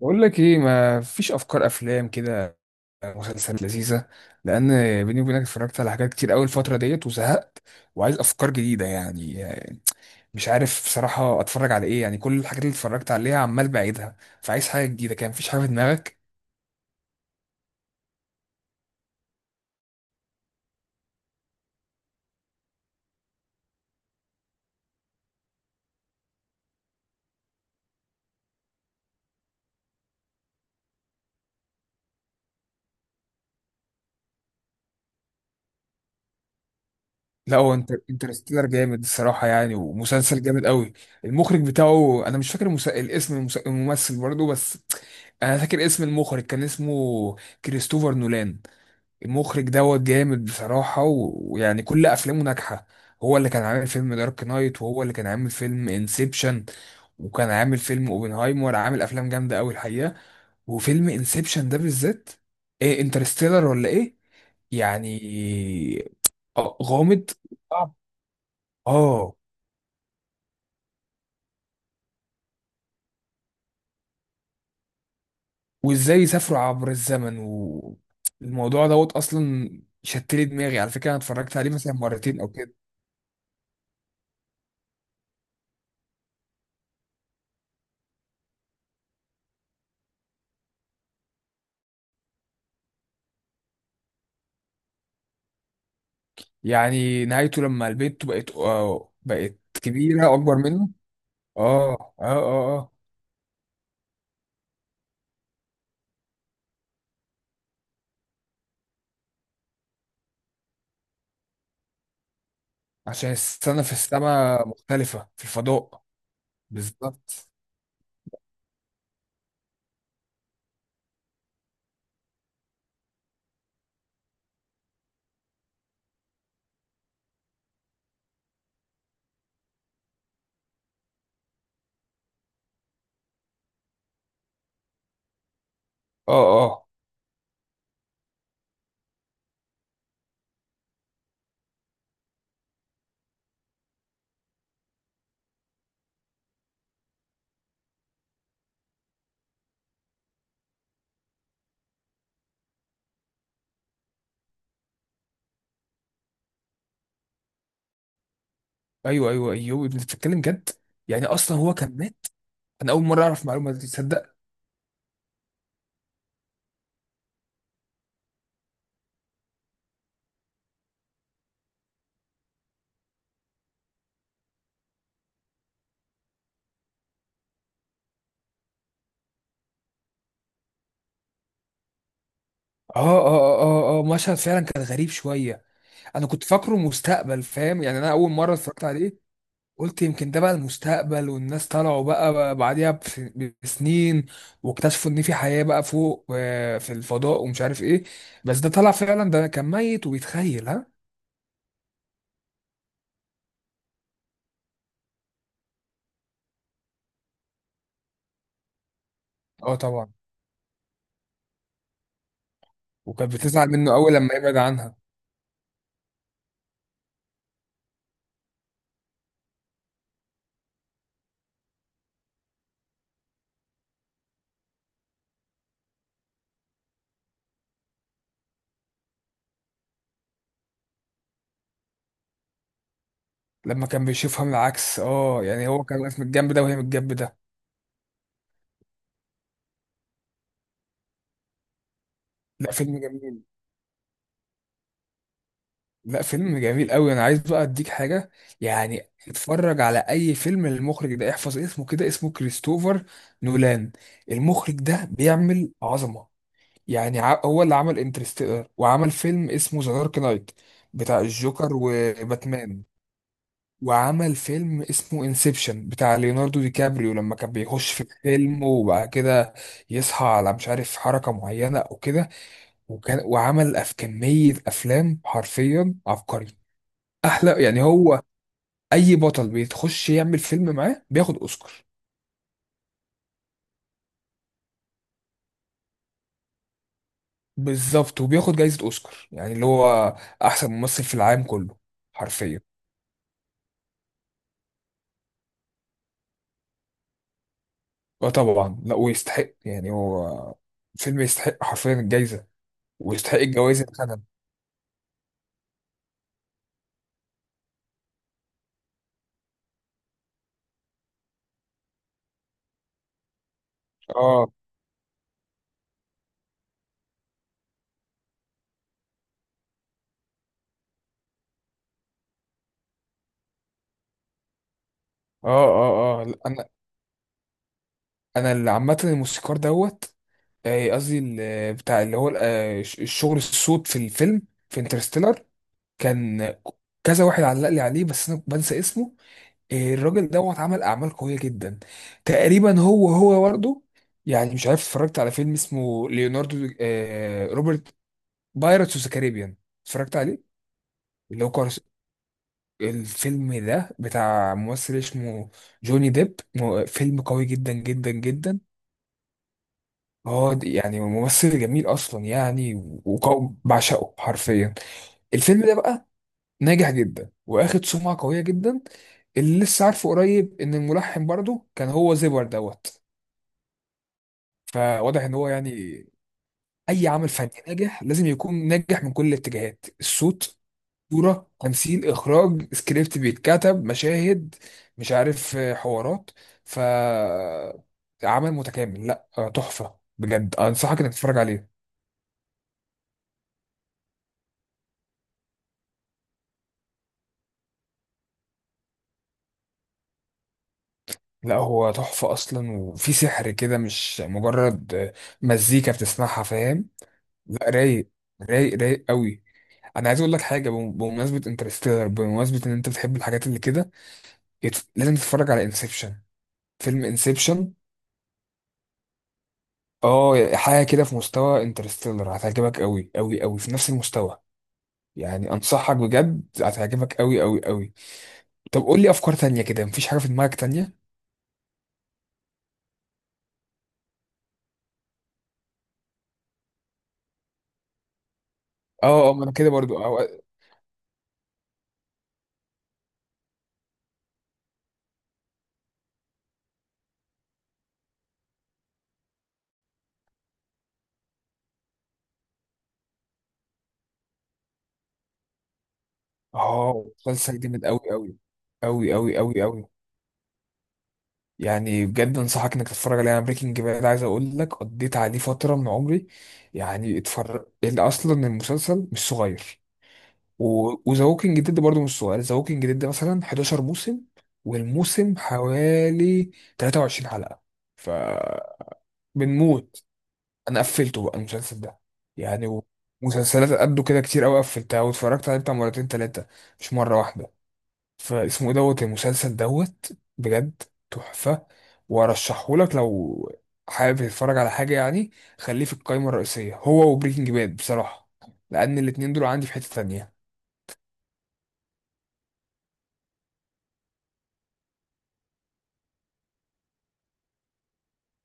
بقول لك ايه؟ ما فيش افكار افلام كده، مسلسلات لذيذه. لان بيني وبينك اتفرجت على حاجات كتير قوي الفتره ديت وزهقت، وعايز افكار جديده يعني. مش عارف بصراحه اتفرج على ايه، يعني كل الحاجات اللي اتفرجت عليها عمال بعيدها. فعايز حاجه جديده، كان مفيش حاجه في دماغك؟ لا، هو انت انترستيلر جامد الصراحه يعني، ومسلسل جامد قوي. المخرج بتاعه انا مش فاكر الاسم، الممثل برضه، بس انا فاكر اسم المخرج كان اسمه كريستوفر نولان. المخرج دوت جامد بصراحة، ويعني كل أفلامه ناجحة. هو اللي كان عامل فيلم دارك نايت، وهو اللي كان عامل فيلم انسبشن، وكان عامل فيلم اوبنهايمر. عامل أفلام جامدة أوي الحقيقة، وفيلم انسبشن ده بالذات. إيه انترستيلر ولا إيه؟ يعني آه، غامض، صعب. اه، وازاي يسافروا عبر الزمن والموضوع دوت اصلا. شتلي دماغي على فكره، انا اتفرجت عليه مثلا مرتين او كده. يعني نهايته لما البنت بقت آه، بقت كبيرة أكبر منه. اه اه اه اه، عشان السنة في السماء مختلفة في الفضاء. بالظبط. اه اه، ايوه ايوه ايوه، انت بتتكلم جد؟ يعني اصلا هو كان مات. انا اول مرة اعرف معلومة دي، تصدق؟ اه اه اه اه آه، مشهد فعلا كان غريب شوية. انا كنت فاكره مستقبل، فاهم؟ يعني انا اول مرة اتفرجت عليه قلت يمكن ده بقى المستقبل، والناس طلعوا بقى بعديها بسنين، واكتشفوا ان في حياة بقى فوق آه، في الفضاء ومش عارف ايه. بس ده طلع فعلا ده كان ميت وبيتخيل، ها. اه طبعا. وكانت بتزعل منه قوي لما يبعد عنها. لما كان بيشوفها من العكس، اه، يعني هو كان واقف من الجنب ده، وهي من الجنب ده. لا، فيلم جميل. لا، فيلم جميل قوي. انا عايز بقى اديك حاجة يعني، اتفرج على اي فيلم للمخرج ده. احفظ اسمه كده، اسمه كريستوفر نولان. المخرج ده بيعمل عظمة. يعني هو اللي عمل انترستيلر، وعمل فيلم اسمه ذا دارك نايت بتاع الجوكر وباتمان، وعمل فيلم اسمه انسبشن بتاع ليوناردو دي كابريو، لما كان بيخش في الفيلم وبعد كده يصحى على مش عارف حركة معينة او كده. وعمل كمية افلام، حرفيا عبقري. احلى يعني، هو اي بطل بيتخش يعمل فيلم معاه بياخد اوسكار. بالظبط، وبياخد جايزة اوسكار يعني، اللي هو احسن ممثل في العالم كله. حرفيا. اه طبعا، لا ويستحق، يعني هو فيلم يستحق حرفيا الجايزه، ويستحق الجوائز اللي خدها. اه اه اه اه، لا، انا انا اللي عامه الموسيقار دوت آه، قصدي بتاع اللي هو آه، الشغل الصوت في الفيلم، في انترستيلر. كان كذا واحد علق لي عليه، بس انا بنسى اسمه. آه، الراجل دوت عمل اعمال قويه جدا. تقريبا هو برضه يعني، مش عارف اتفرجت على فيلم اسمه ليوناردو آه، روبرت، بايرتس اوف ذا كاريبيان؟ اتفرجت عليه؟ اللي هو الفيلم ده بتاع ممثل اسمه جوني ديب. فيلم قوي جدا جدا جدا. هو يعني ممثل جميل اصلا يعني، بعشقه حرفيا. الفيلم ده بقى ناجح جدا، واخد سمعة قوية جدا. اللي لسه عارفه قريب ان الملحن برضه كان هو زيبر دوت. فواضح ان هو يعني اي عمل فني ناجح لازم يكون ناجح من كل الاتجاهات: الصوت، صورة، تمثيل، إخراج، سكريبت بيتكتب، مشاهد، مش عارف آه، حوارات. ف عمل متكامل، لا آه، تحفة بجد. أنصحك إنك تتفرج عليه. لا هو تحفة أصلا، وفي سحر كده، مش مجرد آه، مزيكا بتسمعها، فاهم؟ لا رايق، رايق رايق قوي. أنا عايز أقول لك حاجة بمناسبة انترستيلر، بمناسبة إن أنت بتحب الحاجات اللي كده، لازم تتفرج على انسبشن. فيلم انسبشن. اه، حاجه كده في مستوى انترستيلر، هتعجبك قوي قوي قوي. في نفس المستوى يعني، انصحك بجد هتعجبك قوي قوي قوي. طب قول لي افكار تانية كده، مفيش حاجه في دماغك تانية؟ اه اه، ما انا كده برضو، اه. اه، مسلسل جامد قوي قوي. قوي قوي قوي قوي، يعني بجد انصحك انك تتفرج عليه. انا بريكنج باد عايز اقول لك قضيت عليه فتره من عمري. يعني اتفرج، اصلا المسلسل مش صغير، وذا ووكينج ديد برضه مش صغير. ذا ووكينج ديد مثلا 11 موسم، والموسم حوالي 23 حلقة. ف بنموت. انا قفلته بقى المسلسل ده يعني. مسلسلات قده كده كتير قوي قفلتها واتفرجت عليه بتاع مرتين تلاتة، مش مرة واحدة. فاسمه ايه دوت المسلسل دوت، بجد تحفة، وارشحه لك لو حابب تتفرج على حاجة يعني. خليه في القائمة الرئيسية، هو وبريكنج باد بصراحة، لأن الاتنين دول عندي في حتة تانية.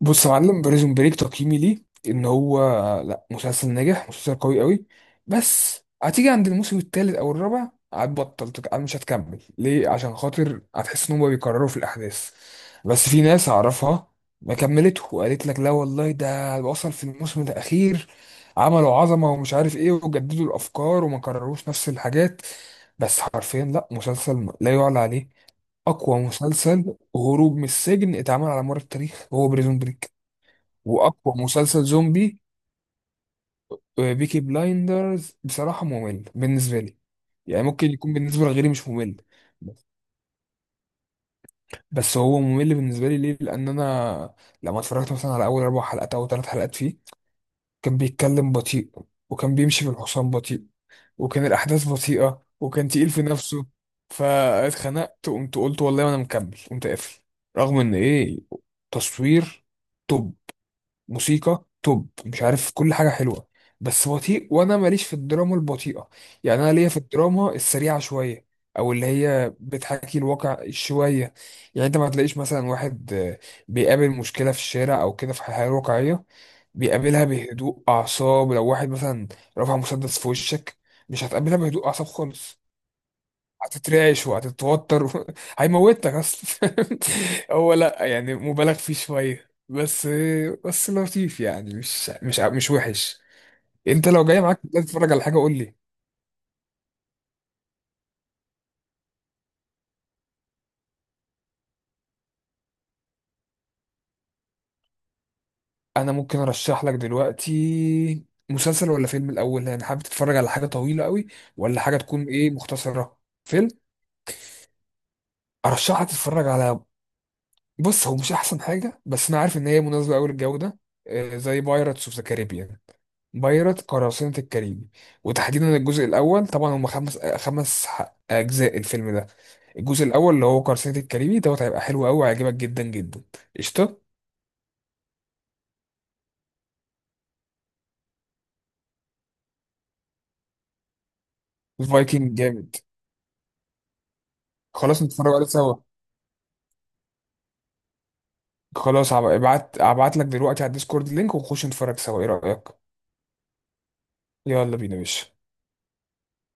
بص يا معلم، بريزون بريك تقييمي ليه ان هو، لا مسلسل ناجح، مسلسل قوي قوي، بس هتيجي عند الموسم الثالث او الرابع هتبطل مش هتكمل ليه، عشان خاطر هتحس ان هم بيكرروا في الاحداث. بس في ناس اعرفها ما كملته وقالت لك لا والله ده وصل في الموسم الاخير، عملوا عظمه ومش عارف ايه، وجددوا الافكار وما كرروش نفس الحاجات. بس حرفيا لا مسلسل لا يعلى عليه. اقوى مسلسل هروب من السجن اتعمل على مر التاريخ هو بريزون بريك، واقوى مسلسل زومبي. بيكي بلايندرز بصراحه ممل بالنسبه لي، يعني ممكن يكون بالنسبه لغيري مش ممل، بس هو ممل بالنسبه لي ليه؟ لان انا لما اتفرجت مثلا على اول اربع حلقات او ثلاث حلقات فيه، كان بيتكلم بطيء، وكان بيمشي بالحصان بطيء، وكان الاحداث بطيئه، وكان تقيل في نفسه. فاتخنقت وقمت قلت والله انا مكمل، قمت قافل. رغم ان ايه، تصوير توب، موسيقى توب، مش عارف كل حاجة حلوة، بس بطيء. وانا ماليش في الدراما البطيئة، يعني انا ليا في الدراما السريعة شوية، او اللي هي بتحكي الواقع شوية. يعني انت ما تلاقيش مثلا واحد آه، بيقابل مشكلة في الشارع او كده في الحياة الواقعية بيقابلها بهدوء اعصاب. لو واحد مثلا رفع مسدس في وشك، مش هتقابلها بهدوء اعصاب خالص، هتترعش وهتتوتر و... هيموتك اصلا. هو لا يعني مبالغ فيه شويه، بس بس لطيف يعني، مش وحش. انت لو جاي معاك تتفرج على حاجه قول لي. انا ممكن ارشح لك دلوقتي مسلسل ولا فيلم الاول؟ يعني حابب تتفرج على حاجه طويله قوي، ولا حاجه تكون ايه مختصره؟ فيلم. ارشحك تتفرج على، بص هو مش احسن حاجه بس انا عارف ان هي مناسبه قوي للجو ده، آه، زي بايرتس اوف ذا كاريبيان، بيرت قراصنة الكاريبي. وتحديدا الجزء الأول، طبعا هم خمس أجزاء الفيلم ده. الجزء الأول اللي هو قراصنة الكاريبي دوت هيبقى حلو أوي، هيعجبك جدا جدا. قشطة. فايكنج جامد، خلاص نتفرج عليه سوا. ابعت لك دلوقتي على الديسكورد لينك ونخش نتفرج سوا، ايه رأيك؟ يلا بينا يا باشا.